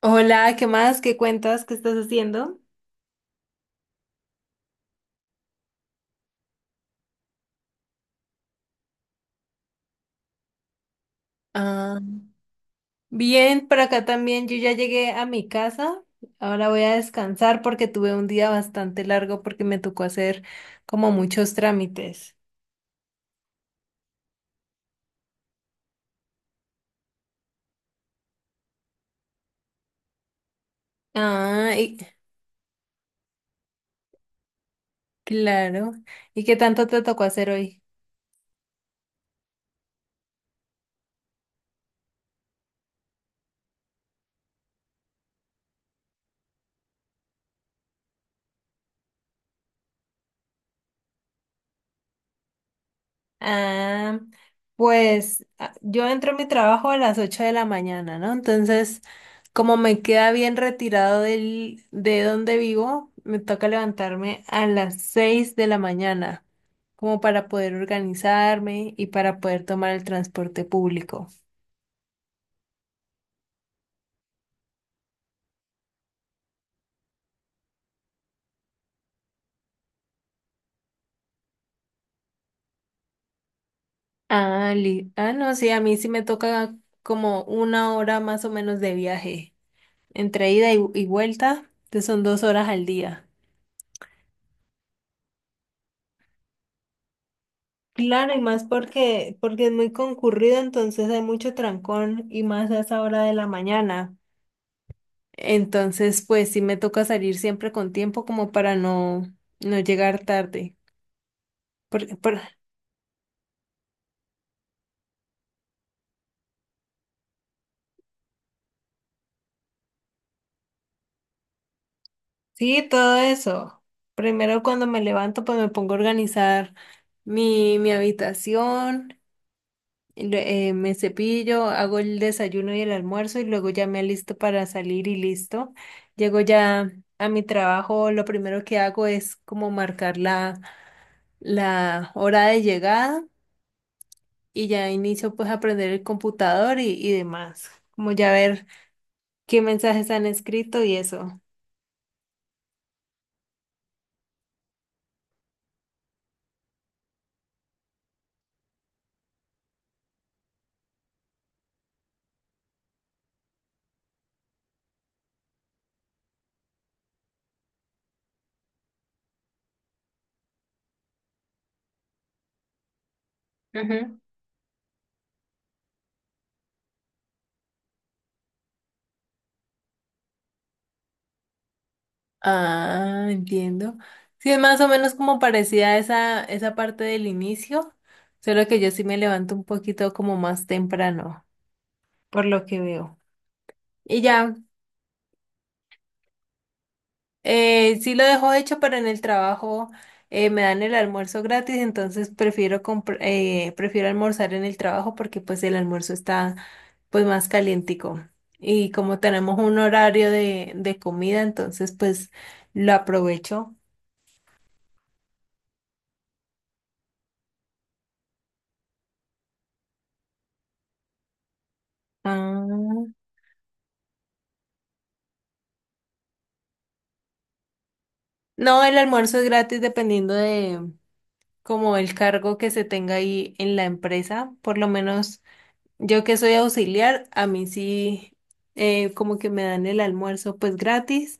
Hola, ¿qué más? ¿Qué cuentas? ¿Qué estás haciendo? Ah, bien, por acá también. Yo ya llegué a mi casa. Ahora voy a descansar porque tuve un día bastante largo porque me tocó hacer como muchos trámites. Ah, claro. ¿Y qué tanto te tocó hacer hoy? Ah, pues yo entro a mi trabajo a las 8 de la mañana, ¿no? Entonces, como me queda bien retirado del, de donde vivo, me toca levantarme a las 6 de la mañana, como para poder organizarme y para poder tomar el transporte público. Ah, ah, no, sí, a mí sí me toca como una hora más o menos de viaje, entre ida y vuelta, que son 2 horas al día. Claro, y más porque es muy concurrido, entonces hay mucho trancón y más a esa hora de la mañana. Entonces, pues sí me toca salir siempre con tiempo como para no llegar tarde. Porque, por- sí, todo eso. Primero cuando me levanto, pues me pongo a organizar mi habitación. Me cepillo, hago el desayuno y el almuerzo y luego ya me alisto para salir y listo. Llego ya a mi trabajo, lo primero que hago es como marcar la hora de llegada y ya inicio pues a aprender el computador y demás, como ya ver qué mensajes han escrito y eso. Ujú. Ah, entiendo. Sí, es más o menos como parecida a esa parte del inicio, solo que yo sí me levanto un poquito como más temprano. Por lo que veo. Y ya, sí lo dejo hecho, pero en el trabajo me dan el almuerzo gratis, entonces prefiero prefiero almorzar en el trabajo porque pues el almuerzo está pues más calientico. Y como tenemos un horario de comida, entonces pues lo aprovecho. Ah, no, el almuerzo es gratis dependiendo de como el cargo que se tenga ahí en la empresa. Por lo menos yo que soy auxiliar, a mí sí como que me dan el almuerzo pues gratis,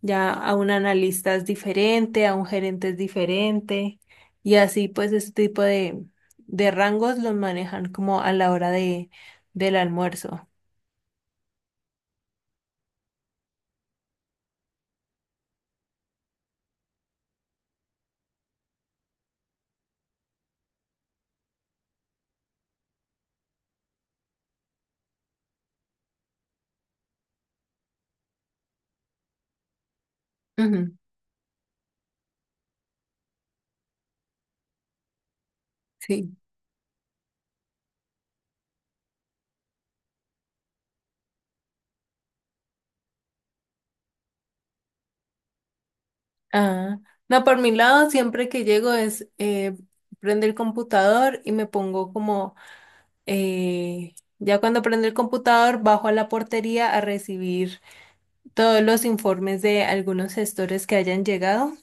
ya a un analista es diferente, a un gerente es diferente y así pues ese tipo de rangos los manejan como a la hora de, del almuerzo. Ujú, sí. Ah, no, por mi lado siempre que llego es prendo el computador y me pongo como ya cuando prendo el computador bajo a la portería a recibir todos los informes de algunos gestores que hayan llegado,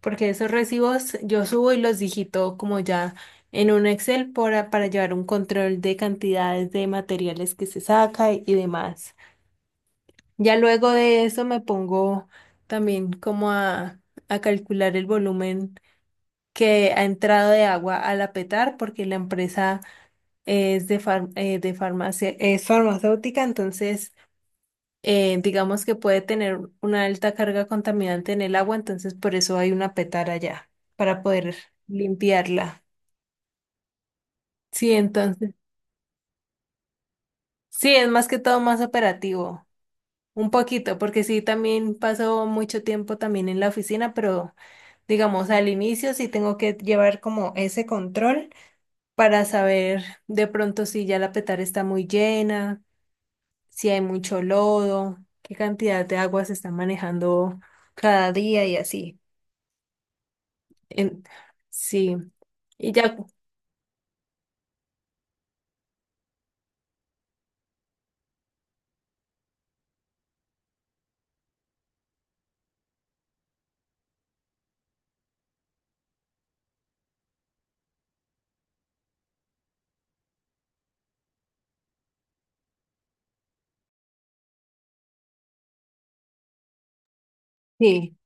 porque esos recibos yo subo y los digito como ya en un Excel para llevar un control de cantidades de materiales que se saca y demás. Ya luego de eso me pongo también como a calcular el volumen que ha entrado de agua al apetar, porque la empresa es de farmacia, es farmacéutica, entonces digamos que puede tener una alta carga contaminante en el agua, entonces por eso hay una petara allá, para poder limpiarla. Sí, entonces, sí, es más que todo más operativo, un poquito, porque sí, también paso mucho tiempo también en la oficina, pero digamos al inicio sí tengo que llevar como ese control para saber de pronto si ya la petara está muy llena, si hay mucho lodo, qué cantidad de agua se está manejando cada día y así. En- sí. Y ya, sí.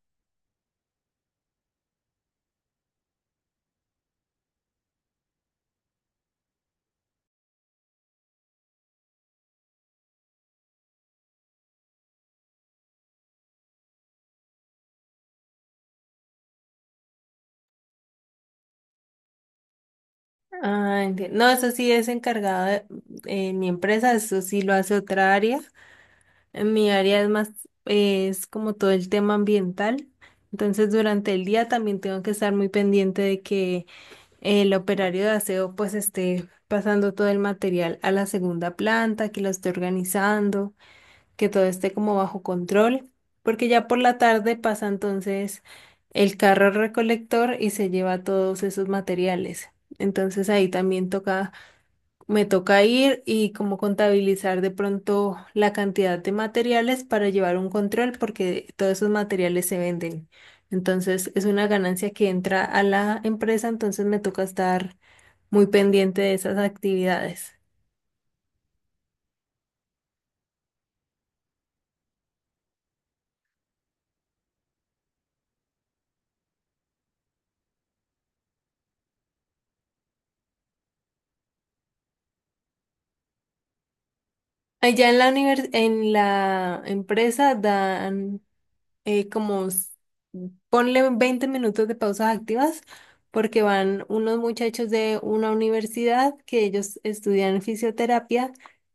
Ah, no, eso sí es encargado de en mi empresa, eso sí lo hace otra área. En mi área es es como todo el tema ambiental. Entonces, durante el día también tengo que estar muy pendiente de que el operario de aseo pues esté pasando todo el material a la segunda planta, que lo esté organizando. Que todo esté como bajo control, porque ya por la tarde pasa entonces el carro recolector y se lleva todos esos materiales. Entonces ahí también toca, me toca ir y como contabilizar de pronto la cantidad de materiales para llevar un control porque todos esos materiales se venden. Entonces es una ganancia que entra a la empresa, entonces me toca estar muy pendiente de esas actividades. Allá en la univers- En la empresa dan eh, como s- ponle 20 minutos de pausas activas porque van unos muchachos de una universidad que ellos estudian fisioterapia,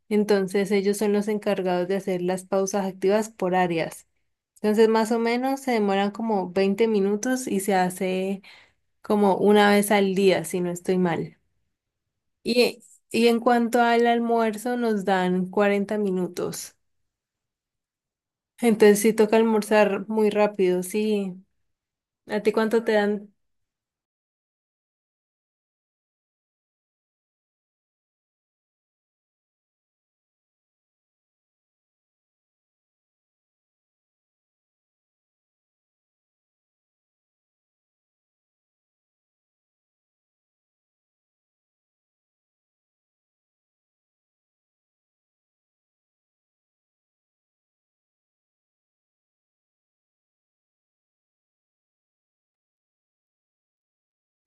entonces ellos son los encargados de hacer las pausas activas por áreas. Entonces más o menos se demoran como 20 minutos y se hace como una vez al día, si no estoy mal. Y, y en cuanto al almuerzo nos dan 40 minutos. Entonces sí toca almorzar muy rápido, sí. ¿A ti cuánto te dan?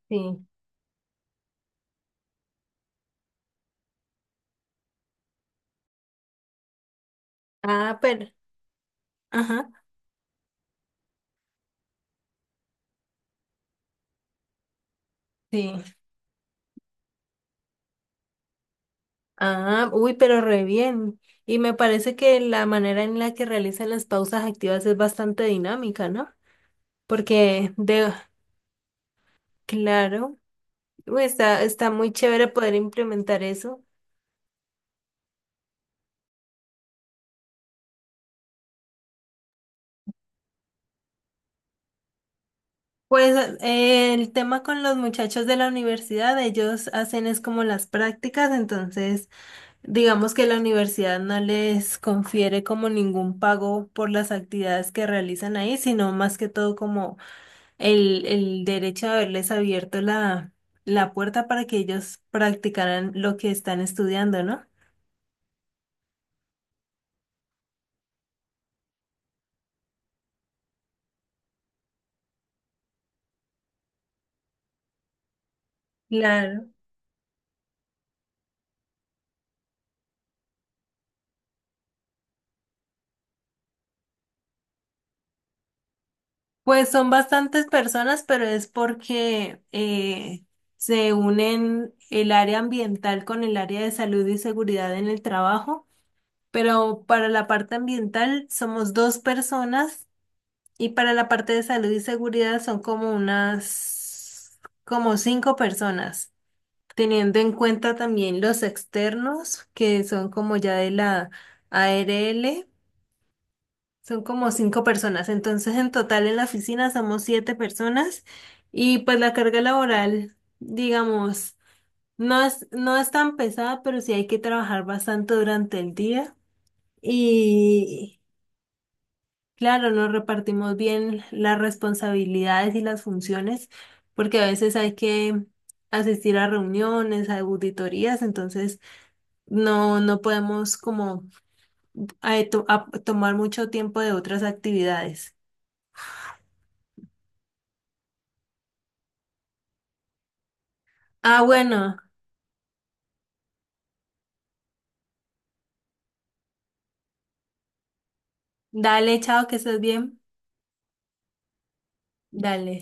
Sí. Ah, pero, ajá, sí. Ah, uy, pero re bien. Y me parece que la manera en la que realizan las pausas activas es bastante dinámica, ¿no? Porque claro, uy, está muy chévere poder implementar eso. Pues el tema con los muchachos de la universidad, ellos hacen es como las prácticas, entonces digamos que la universidad no les confiere como ningún pago por las actividades que realizan ahí, sino más que todo como el derecho de haberles abierto la puerta para que ellos practicaran lo que están estudiando, ¿no? Claro. Pues son bastantes personas, pero es porque se unen el área ambiental con el área de salud y seguridad en el trabajo, pero para la parte ambiental somos dos personas y para la parte de salud y seguridad son como como cinco personas. Teniendo en cuenta también los externos, que son como ya de la ARL, son como cinco personas. Entonces, en total en la oficina somos siete personas y pues la carga laboral, digamos, no es tan pesada, pero sí hay que trabajar bastante durante el día. Y claro, nos repartimos bien las responsabilidades y las funciones, porque a veces hay que asistir a reuniones, a auditorías, entonces no, no podemos como tomar mucho tiempo de otras actividades. Ah, bueno, dale, chao, que estés bien. Dale.